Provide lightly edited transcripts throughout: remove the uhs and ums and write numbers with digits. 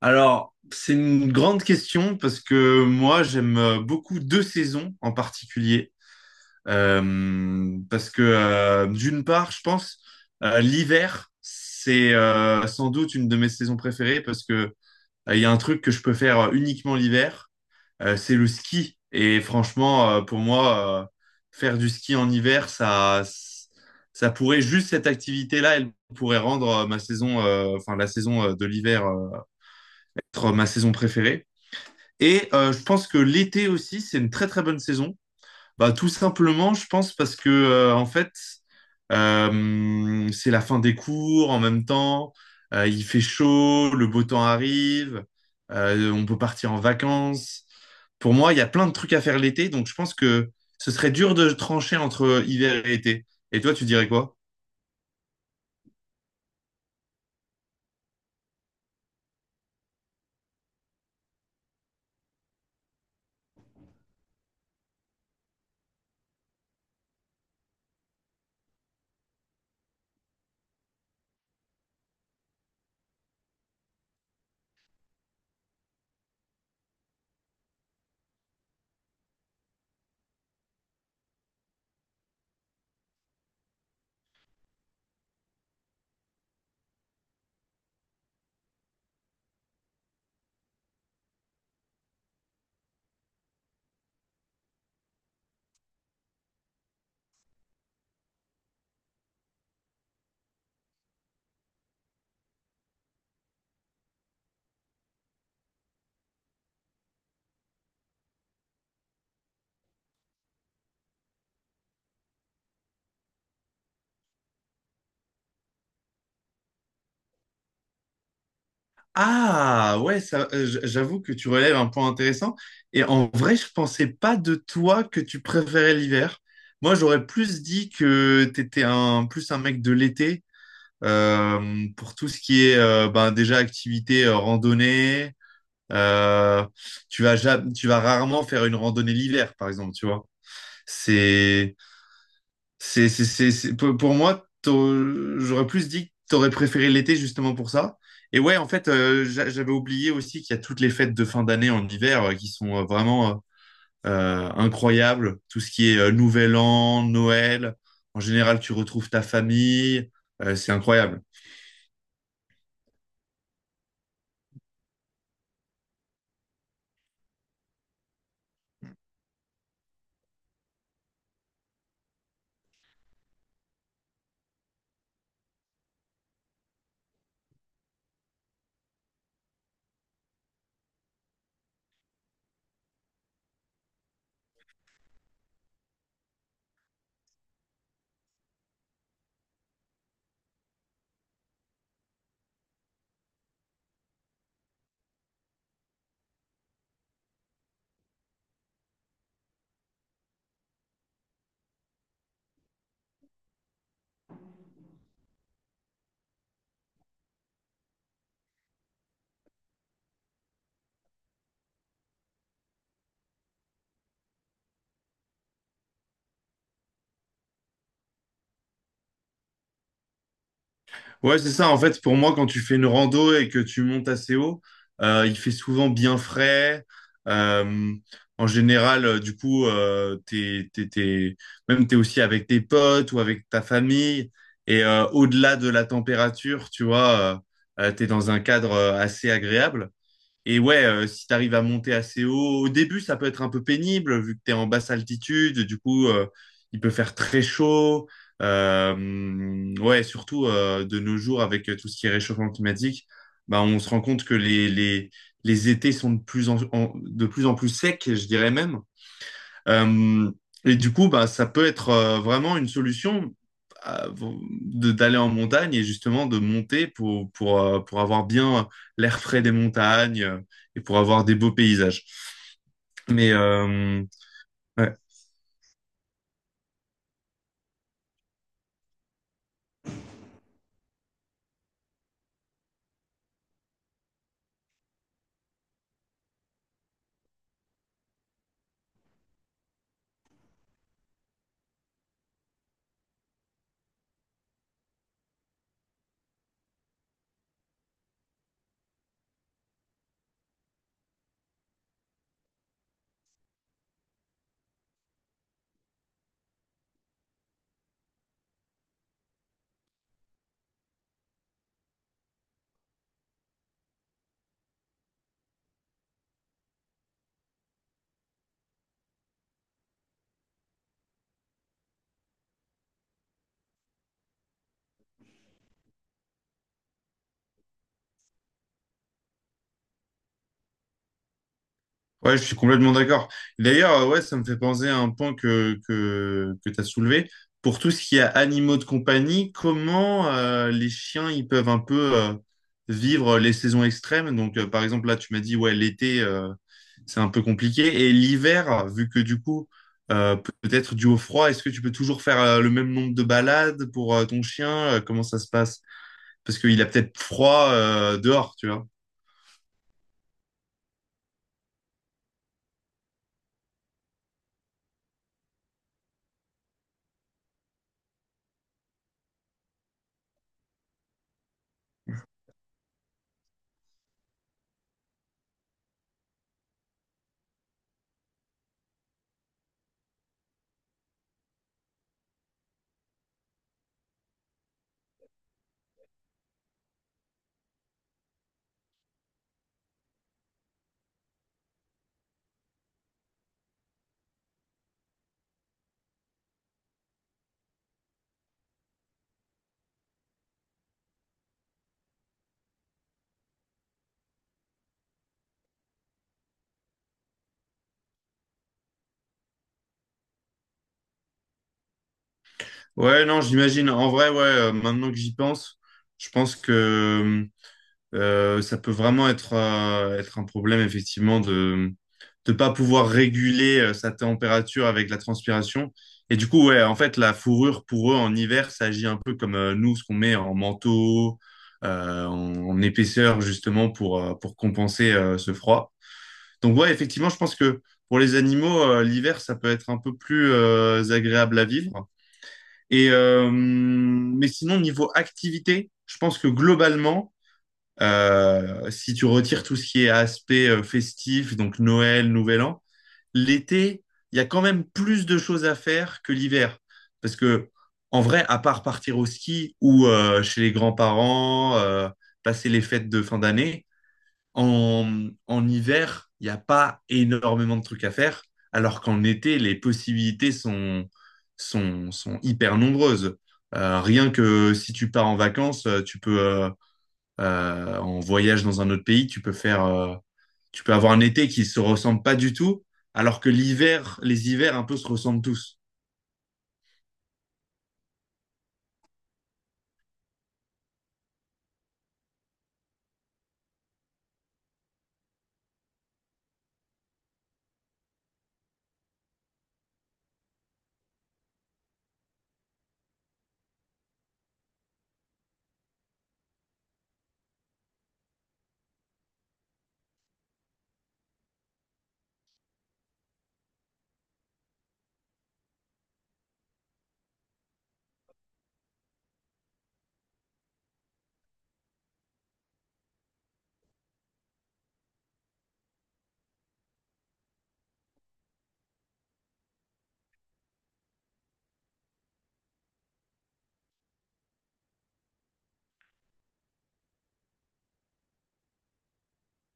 Alors, c'est une grande question parce que moi, j'aime beaucoup deux saisons en particulier. Parce que d'une part, je pense, l'hiver, c'est sans doute une de mes saisons préférées parce que il y a un truc que je peux faire uniquement l'hiver, c'est le ski. Et franchement, pour moi, faire du ski en hiver, ça pourrait juste cette activité-là, elle pourrait rendre ma saison, enfin la saison de l'hiver, être ma saison préférée. Et je pense que l'été aussi, c'est une très très bonne saison. Bah, tout simplement, je pense parce que en fait, c'est la fin des cours en même temps. Il fait chaud, le beau temps arrive, on peut partir en vacances. Pour moi, il y a plein de trucs à faire l'été, donc je pense que ce serait dur de trancher entre hiver et été. Et toi, tu dirais quoi? Ah ouais, ça, j'avoue que tu relèves un point intéressant. Et en vrai, je pensais pas de toi que tu préférais l'hiver. Moi, j'aurais plus dit que t'étais un mec de l'été pour tout ce qui est ben, déjà activité randonnée. Euh, tu vas rarement faire une randonnée l'hiver, par exemple, tu vois. C'est pour moi, j'aurais plus dit que t'aurais préféré l'été justement pour ça. Et ouais, en fait, j'avais oublié aussi qu'il y a toutes les fêtes de fin d'année en hiver qui sont vraiment incroyables. Tout ce qui est Nouvel An, Noël. En général, tu retrouves ta famille. C'est incroyable. Ouais, c'est ça. En fait, pour moi, quand tu fais une rando et que tu montes assez haut, il fait souvent bien frais. Euh, en général, du coup, même t'es aussi avec tes potes ou avec ta famille. Et au-delà de la température, tu vois, t'es dans un cadre assez agréable. Et ouais, si tu arrives à monter assez haut, au début, ça peut être un peu pénible vu que tu es en basse altitude. Du coup, il peut faire très chaud. Ouais, surtout de nos jours, avec tout ce qui est réchauffement climatique, bah, on se rend compte que les étés sont de plus de plus en plus secs, je dirais même. Euh, et du coup, bah, ça peut être vraiment une solution à- d'aller en montagne et justement de monter pour avoir bien l'air frais des montagnes et pour avoir des beaux paysages. Mais ouais. Ouais, je suis complètement d'accord. D'ailleurs, ouais, ça me fait penser à un point que tu as soulevé. Pour tout ce qui est animaux de compagnie, comment les chiens ils peuvent un peu vivre les saisons extrêmes? Donc, par exemple, là, tu m'as dit, ouais, l'été, c'est un peu compliqué. Et l'hiver, vu que du coup, euh, peut-être dû au froid, est-ce que tu peux toujours faire le même nombre de balades pour ton chien? Comment ça se passe? Parce qu'il a peut-être froid dehors, tu vois. Ouais, non, j'imagine. En vrai, ouais, maintenant que j'y pense, je pense que ça peut vraiment être, être un problème, effectivement, de ne pas pouvoir réguler sa température avec la transpiration. Et du coup, ouais, en fait, la fourrure, pour eux, en hiver, ça agit un peu comme nous, ce qu'on met en manteau, en épaisseur, justement, pour compenser ce froid. Donc, ouais, effectivement, je pense que pour les animaux, l'hiver, ça peut être un peu plus agréable à vivre. Et, mais sinon, niveau activité, je pense que globalement, si tu retires tout ce qui est aspect festif, donc Noël, Nouvel An, l'été, il y a quand même plus de choses à faire que l'hiver. Parce que, en vrai, à part partir au ski ou chez les grands-parents, passer les fêtes de fin d'année, en hiver, il n'y a pas énormément de trucs à faire, alors qu'en été, les possibilités sont hyper nombreuses. Rien que si tu pars en vacances, en voyage dans un autre pays, tu peux avoir un été qui se ressemble pas du tout, alors que l'hiver, les hivers un peu se ressemblent tous.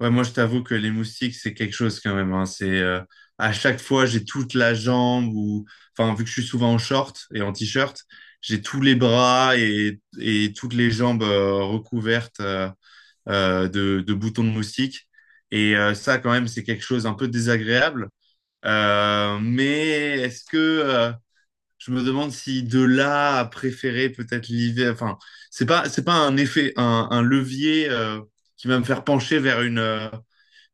Ouais, moi je t'avoue que les moustiques c'est quelque chose quand même, hein. C'est à chaque fois j'ai toute la jambe ou, enfin vu que je suis souvent en short et en t-shirt, j'ai tous les bras et toutes les jambes recouvertes de boutons de moustiques. Et ça quand même c'est quelque chose un peu désagréable. Mais est-ce que je me demande si de là à préférer peut-être l'hiver. Enfin, c'est pas un effet un levier qui va me faire pencher vers une euh,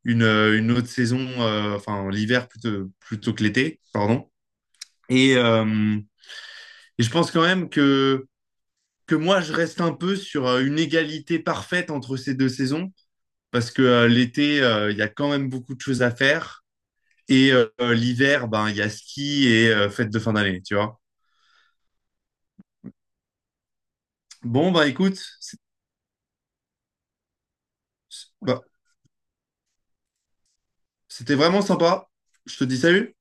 une, euh, une autre saison, enfin l'hiver plutôt que l'été, pardon. Et, euh, et je pense quand même que moi je reste un peu sur une égalité parfaite entre ces deux saisons parce que l'été il y a quand même beaucoup de choses à faire et l'hiver ben il y a ski et fête de fin d'année, tu vois. Bon bah écoute, c'est- bah, c'était vraiment sympa. Je te dis salut.